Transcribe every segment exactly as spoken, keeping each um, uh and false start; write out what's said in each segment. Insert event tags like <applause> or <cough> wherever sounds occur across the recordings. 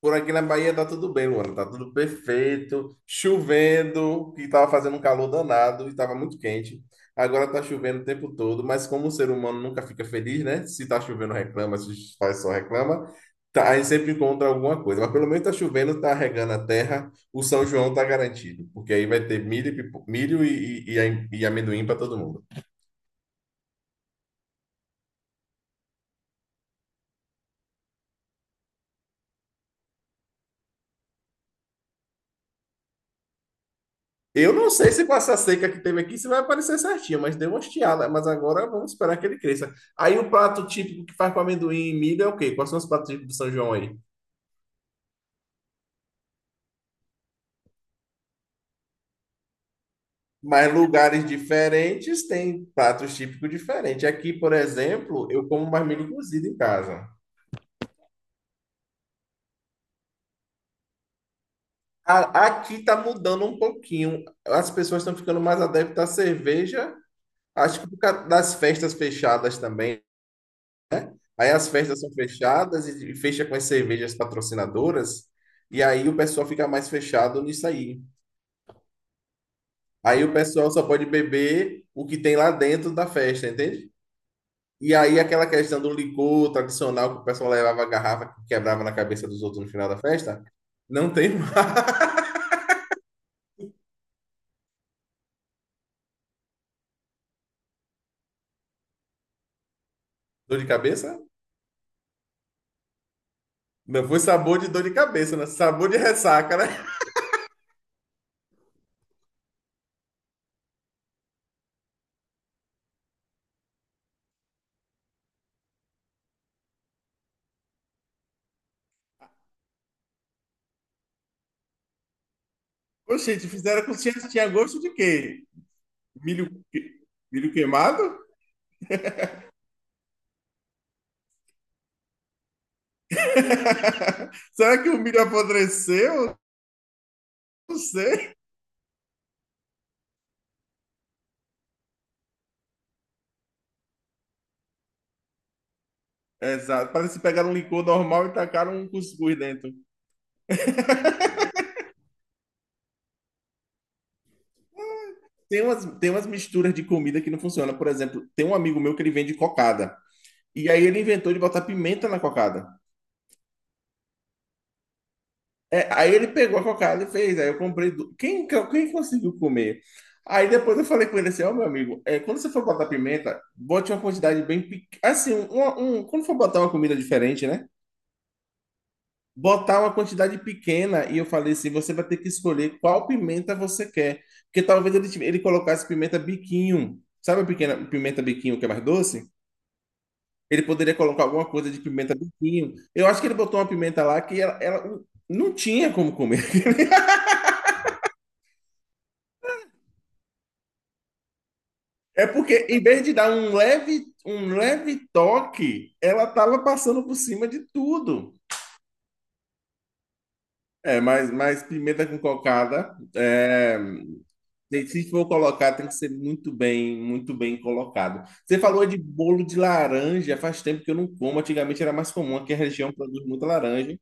Por aqui na Bahia tá tudo bem, Luana. Tá tudo perfeito. Chovendo, que tava fazendo um calor danado e tava muito quente. Agora tá chovendo o tempo todo, mas como o ser humano nunca fica feliz, né? Se tá chovendo, reclama, se faz só reclama. Tá, aí sempre encontra alguma coisa. Mas pelo menos tá chovendo, tá regando a terra. O São João tá garantido, porque aí vai ter milho, e pipo- milho e, e, e a- e amendoim para todo mundo. Eu não sei se com essa seca que teve aqui se vai aparecer certinho, mas deu uma estiada. Mas agora vamos esperar que ele cresça. Aí o prato típico que faz com amendoim e milho é o quê? Quais são os pratos típicos do São João aí? Mas lugares diferentes têm pratos típicos diferentes. Aqui, por exemplo, eu como mais milho cozido em casa. A- Aqui tá mudando um pouquinho. As pessoas estão ficando mais adeptas à cerveja. Acho que por causa das festas fechadas também. Aí as festas são fechadas e e fecha com as cervejas patrocinadoras, e aí o pessoal fica mais fechado nisso aí. Aí o pessoal só pode beber o que tem lá dentro da festa, entende? E aí aquela questão do licor tradicional que o pessoal levava a garrafa que quebrava na cabeça dos outros no final da festa, não tem mais. <laughs> Dor de cabeça? Não foi sabor de dor de cabeça, né? Sabor de ressaca, né? Ô, gente, fizeram com tinha, tinha gosto de quê? Milho, que- milho queimado? <laughs> Será que o milho apodreceu? Não sei. Exato. Parece que pegaram um licor normal e tacaram um cuscuz dentro. Tem umas, tem umas misturas de comida que não funciona. Por exemplo, tem um amigo meu que ele vende cocada. E aí ele inventou de botar pimenta na cocada. É, aí ele pegou a cocada e fez. Aí eu comprei. du- Quem, quem conseguiu comer? Aí depois eu falei com ele assim: ó, meu amigo, é, quando você for botar pimenta, bote uma quantidade bem pequena. Assim, um, um- quando for botar uma comida diferente, né? Botar uma quantidade pequena, e eu falei assim: você vai ter que escolher qual pimenta você quer, porque talvez ele, tive- ele colocasse pimenta biquinho, sabe, a pequena pimenta biquinho que é mais doce? Ele poderia colocar alguma coisa de pimenta biquinho. Eu acho que ele botou uma pimenta lá que ela, ela não não tinha como comer. <laughs> É porque em vez de dar um leve um leve toque, ela tava passando por cima de tudo. É, mas, mas pimenta com cocada, é, se for colocar, tem que ser muito bem, muito bem colocado. Você falou de bolo de laranja, faz tempo que eu não como. Antigamente era mais comum, aqui a região produz muita laranja.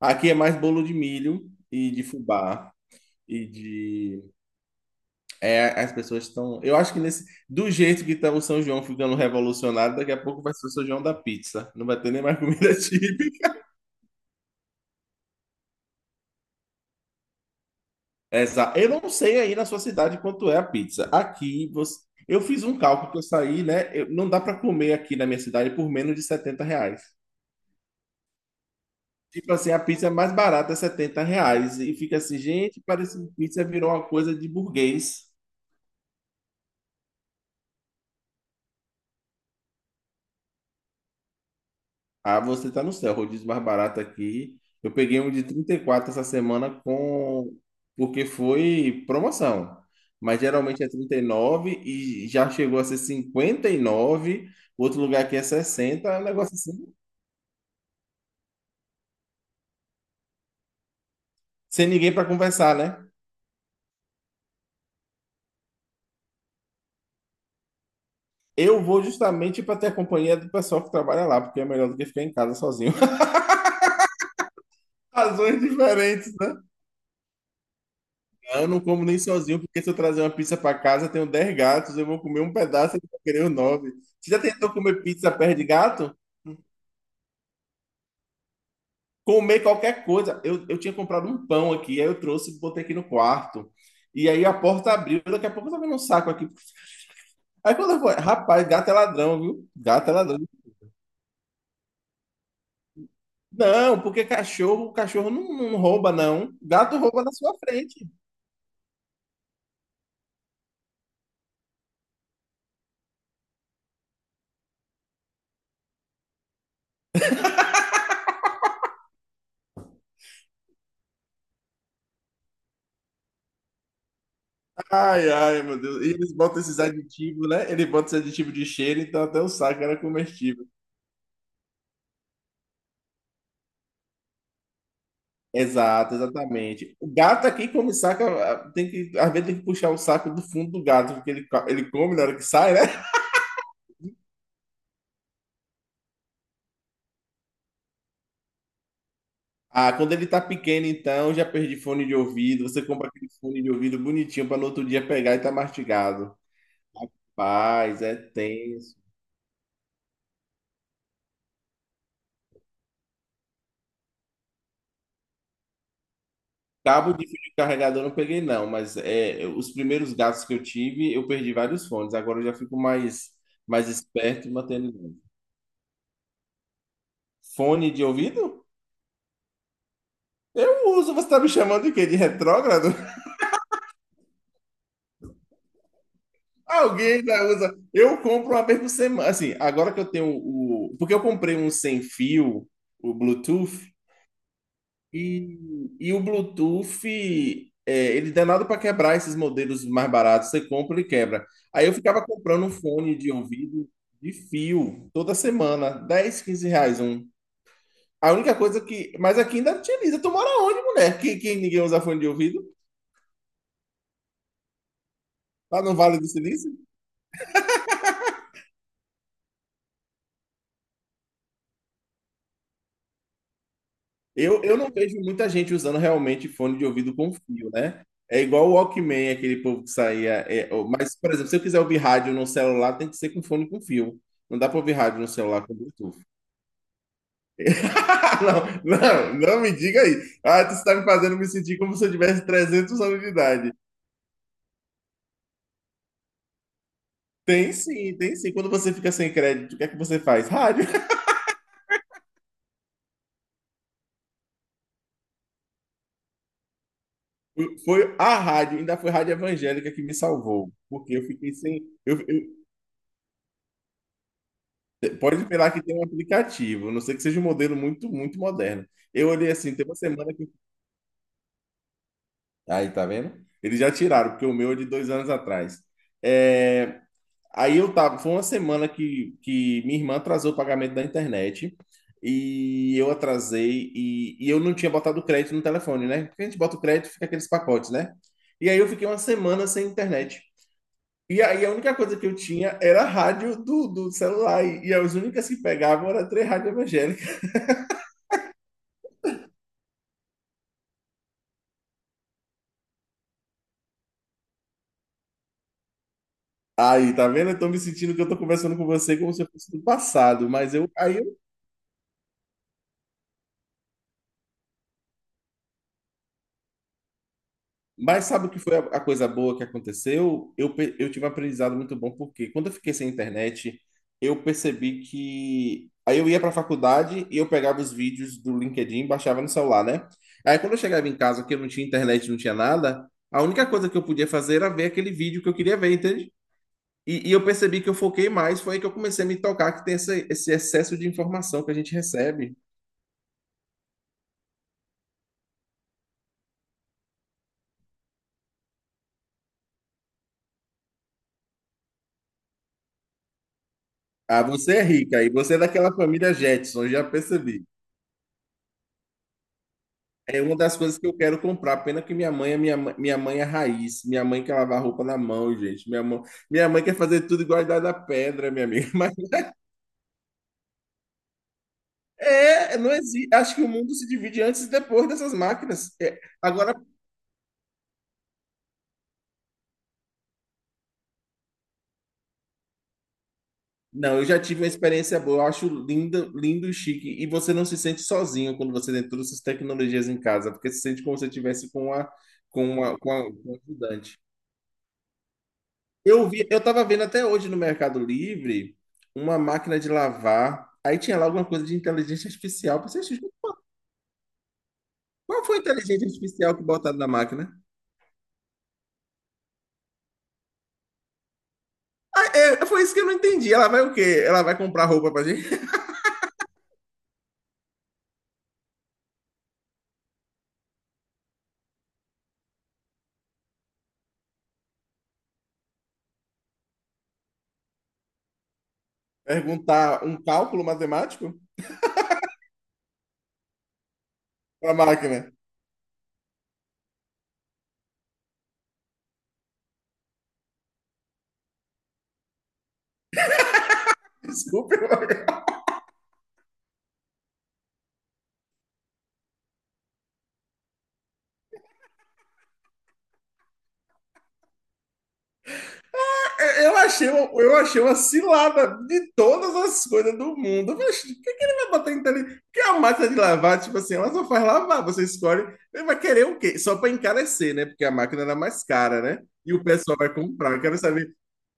Aqui é mais bolo de milho e de fubá. E de... É, as pessoas estão... Eu acho que nesse... Do jeito que está o São João ficando revolucionário, daqui a pouco vai ser o São João da pizza. Não vai ter nem mais comida <laughs> típica. Exa- Eu não sei aí na sua cidade quanto é a pizza. Aqui você... eu fiz um cálculo que eu saí, né? Eu- Não dá para comer aqui na minha cidade por menos de setenta reais. Tipo assim, a pizza mais barata é setenta reais. E fica assim, gente, parece que pizza virou uma coisa de burguês. Ah, você tá no céu, rodízio mais barato aqui. Eu peguei um de trinta e quatro essa semana com... porque foi promoção. Mas geralmente é trinta e nove e já chegou a ser cinquenta e nove. Outro lugar aqui é sessenta. É um negócio assim. Sem ninguém para conversar, né? Eu vou justamente para ter a companhia do pessoal que trabalha lá, porque é melhor do que ficar em casa sozinho. <laughs> Razões diferentes, né? Eu não como nem sozinho, porque se eu trazer uma pizza para casa, eu tenho dez gatos, eu vou comer um pedaço e vou querer os nove. Você já tentou comer pizza perto de gato? Comer qualquer coisa. Eu, eu tinha comprado um pão aqui, aí eu trouxe e botei aqui no quarto. E aí a porta abriu, daqui a pouco eu tava vendo um saco aqui. Aí quando eu falei: rapaz, gato é ladrão, viu? Gato é ladrão. Não, porque cachorro, cachorro não, não rouba, não. Gato rouba na sua frente. Ai, ai, meu Deus. E eles botam esses aditivos, né? Ele bota esse aditivo de cheiro, então até o saco era comestível. Exato, exatamente. O gato aqui come saca, ah, tem que, às vezes tem que puxar o saco do fundo do gato, porque ele, co- ele come na hora que sai, né? Ah, quando ele tá pequeno, então, já perdi fone de ouvido. Você compra aquele fone de ouvido bonitinho para no outro dia pegar e tá mastigado. Paz, é tenso. Cabo de fio de carregador eu não peguei, não, mas é, os primeiros gatos que eu tive, eu perdi vários fones. Agora eu já fico mais, mais esperto e mantendo longe. Fone de ouvido? Eu uso. Você tá me chamando de quê? De retrógrado? <laughs> Alguém ainda usa. Eu compro uma vez por semana. Assim, agora que eu tenho o... Porque eu comprei um sem fio, o Bluetooth, E, e o Bluetooth, é, ele dá nada para quebrar esses modelos mais baratos. Você compra e quebra. Aí eu ficava comprando um fone de ouvido de fio toda semana, dez, quinze reais um. A única coisa que... Mas aqui ainda utiliza. Tu mora onde, mulher? Que, que ninguém usa fone de ouvido? Lá no Vale do Silício? Eu, eu não vejo muita gente usando realmente fone de ouvido com fio, né? É igual o Walkman, aquele povo que saía. É, ó, mas, por exemplo, se eu quiser ouvir rádio no celular, tem que ser com fone com fio. Não dá para ouvir rádio no celular com Bluetooth. <laughs> Não, não, não me diga aí. Ah, tu está me fazendo me sentir como se eu tivesse 300 anos de idade. Tem sim, tem sim. Quando você fica sem crédito, o que é que você faz? Rádio. <laughs> Foi a rádio, ainda foi a rádio evangélica que me salvou, porque eu fiquei sem. Eu, eu, Pode esperar que tem um aplicativo, a não sei que seja um modelo muito, muito moderno. Eu olhei assim, tem uma semana que... Aí, tá vendo? Eles já tiraram, porque o meu é de dois anos atrás. É, aí eu tava... Foi uma semana que, que minha irmã atrasou o pagamento da internet. E eu atrasei. E, e eu não tinha botado crédito no telefone, né? Porque a gente bota o crédito, fica aqueles pacotes, né? E aí eu fiquei uma semana sem internet. E aí a única coisa que eu tinha era a rádio do, do celular. E, e as únicas que pegavam eram três rádios evangélicas. Aí, tá vendo? Eu tô me sentindo que eu tô conversando com você como se eu fosse do passado, mas eu, aí eu, mas sabe o que foi a, a coisa boa que aconteceu? Eu, pe- eu tive um aprendizado muito bom, porque quando eu fiquei sem internet, eu percebi que, aí eu ia pra faculdade e eu pegava os vídeos do LinkedIn e baixava no celular, né? Aí quando eu chegava em casa, que eu não tinha internet, não tinha nada, a única coisa que eu podia fazer era ver aquele vídeo que eu queria ver, entende? E, e eu percebi que eu foquei mais, foi aí que eu comecei a me tocar que tem esse, esse excesso de informação que a gente recebe. Ah, você é rica e você é daquela família Jetson, já percebi. É uma das coisas que eu quero comprar, pena que minha mãe é minha, mãe- minha mãe é raiz, minha mãe quer lavar roupa na mão, gente. Minha mãe, minha mãe quer fazer tudo igual a Idade da Pedra, minha amiga. <laughs> Mas é, não existe. Acho que o mundo se divide antes e depois dessas máquinas. É, agora, não, eu já tive uma experiência boa, eu acho lindo, lindo e chique. E você não se sente sozinho quando você tem todas essas tecnologias em casa, porque se sente como se você estivesse com uma, com uma, com a- com um ajudante. Eu vi, eu tava vendo até hoje no Mercado Livre uma máquina de lavar. Aí tinha lá alguma coisa de inteligência artificial. Eu pensei: "Gente, qual foi a inteligência artificial que botaram na máquina?" Ah, é, é, foi isso que eu não entendi. Ela vai o quê? Ela vai comprar roupa pra gente? <laughs> Perguntar um cálculo matemático pra máquina? Desculpa. <laughs> Eu achei, uma- eu achei uma cilada de todas as coisas do mundo. Mas o que, que ele vai botar em inteligência? Porque a máquina de lavar, tipo assim, ela só faz lavar. Você escolhe. Ele vai querer o quê? Só para encarecer, né? Porque a máquina era mais cara, né? E o pessoal vai comprar. Eu quero saber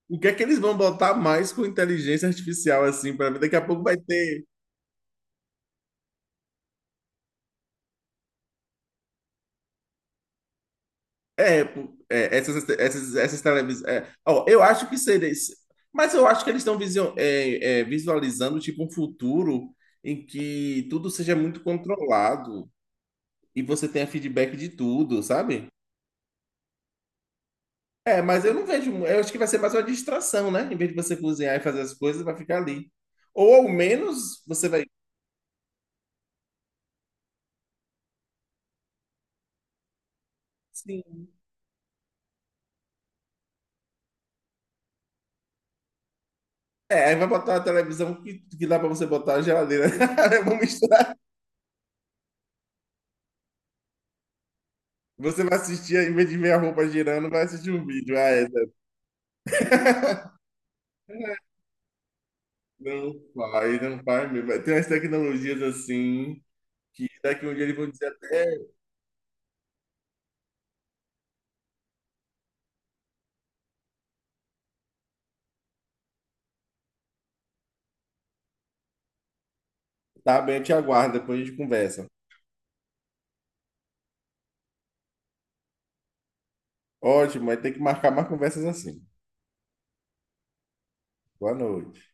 o que é que eles vão botar mais com inteligência artificial, assim, para ver. Daqui a pouco vai ter. É, é, essas, essas, essas televisões. Ó, eu acho que seria isso. Mas eu acho que eles estão visio- é, é, visualizando tipo um futuro em que tudo seja muito controlado e você tenha feedback de tudo, sabe? É, mas eu não vejo... mu- Eu acho que vai ser mais uma distração, né? Em vez de você cozinhar e fazer as coisas, vai ficar ali. Ou ao menos você vai... Sim. É, aí vai botar uma televisão que, que dá pra você botar a geladeira. <laughs> Vamos misturar. Você vai assistir, em vez de ver a roupa girando, vai assistir um vídeo. Ah, é. Não faz, não faz mesmo. Tem umas tecnologias assim que daqui a um dia eles vão dizer até... Tá bem, eu te aguardo, depois a gente conversa. Ótimo, mas tem que marcar mais conversas assim. Boa noite.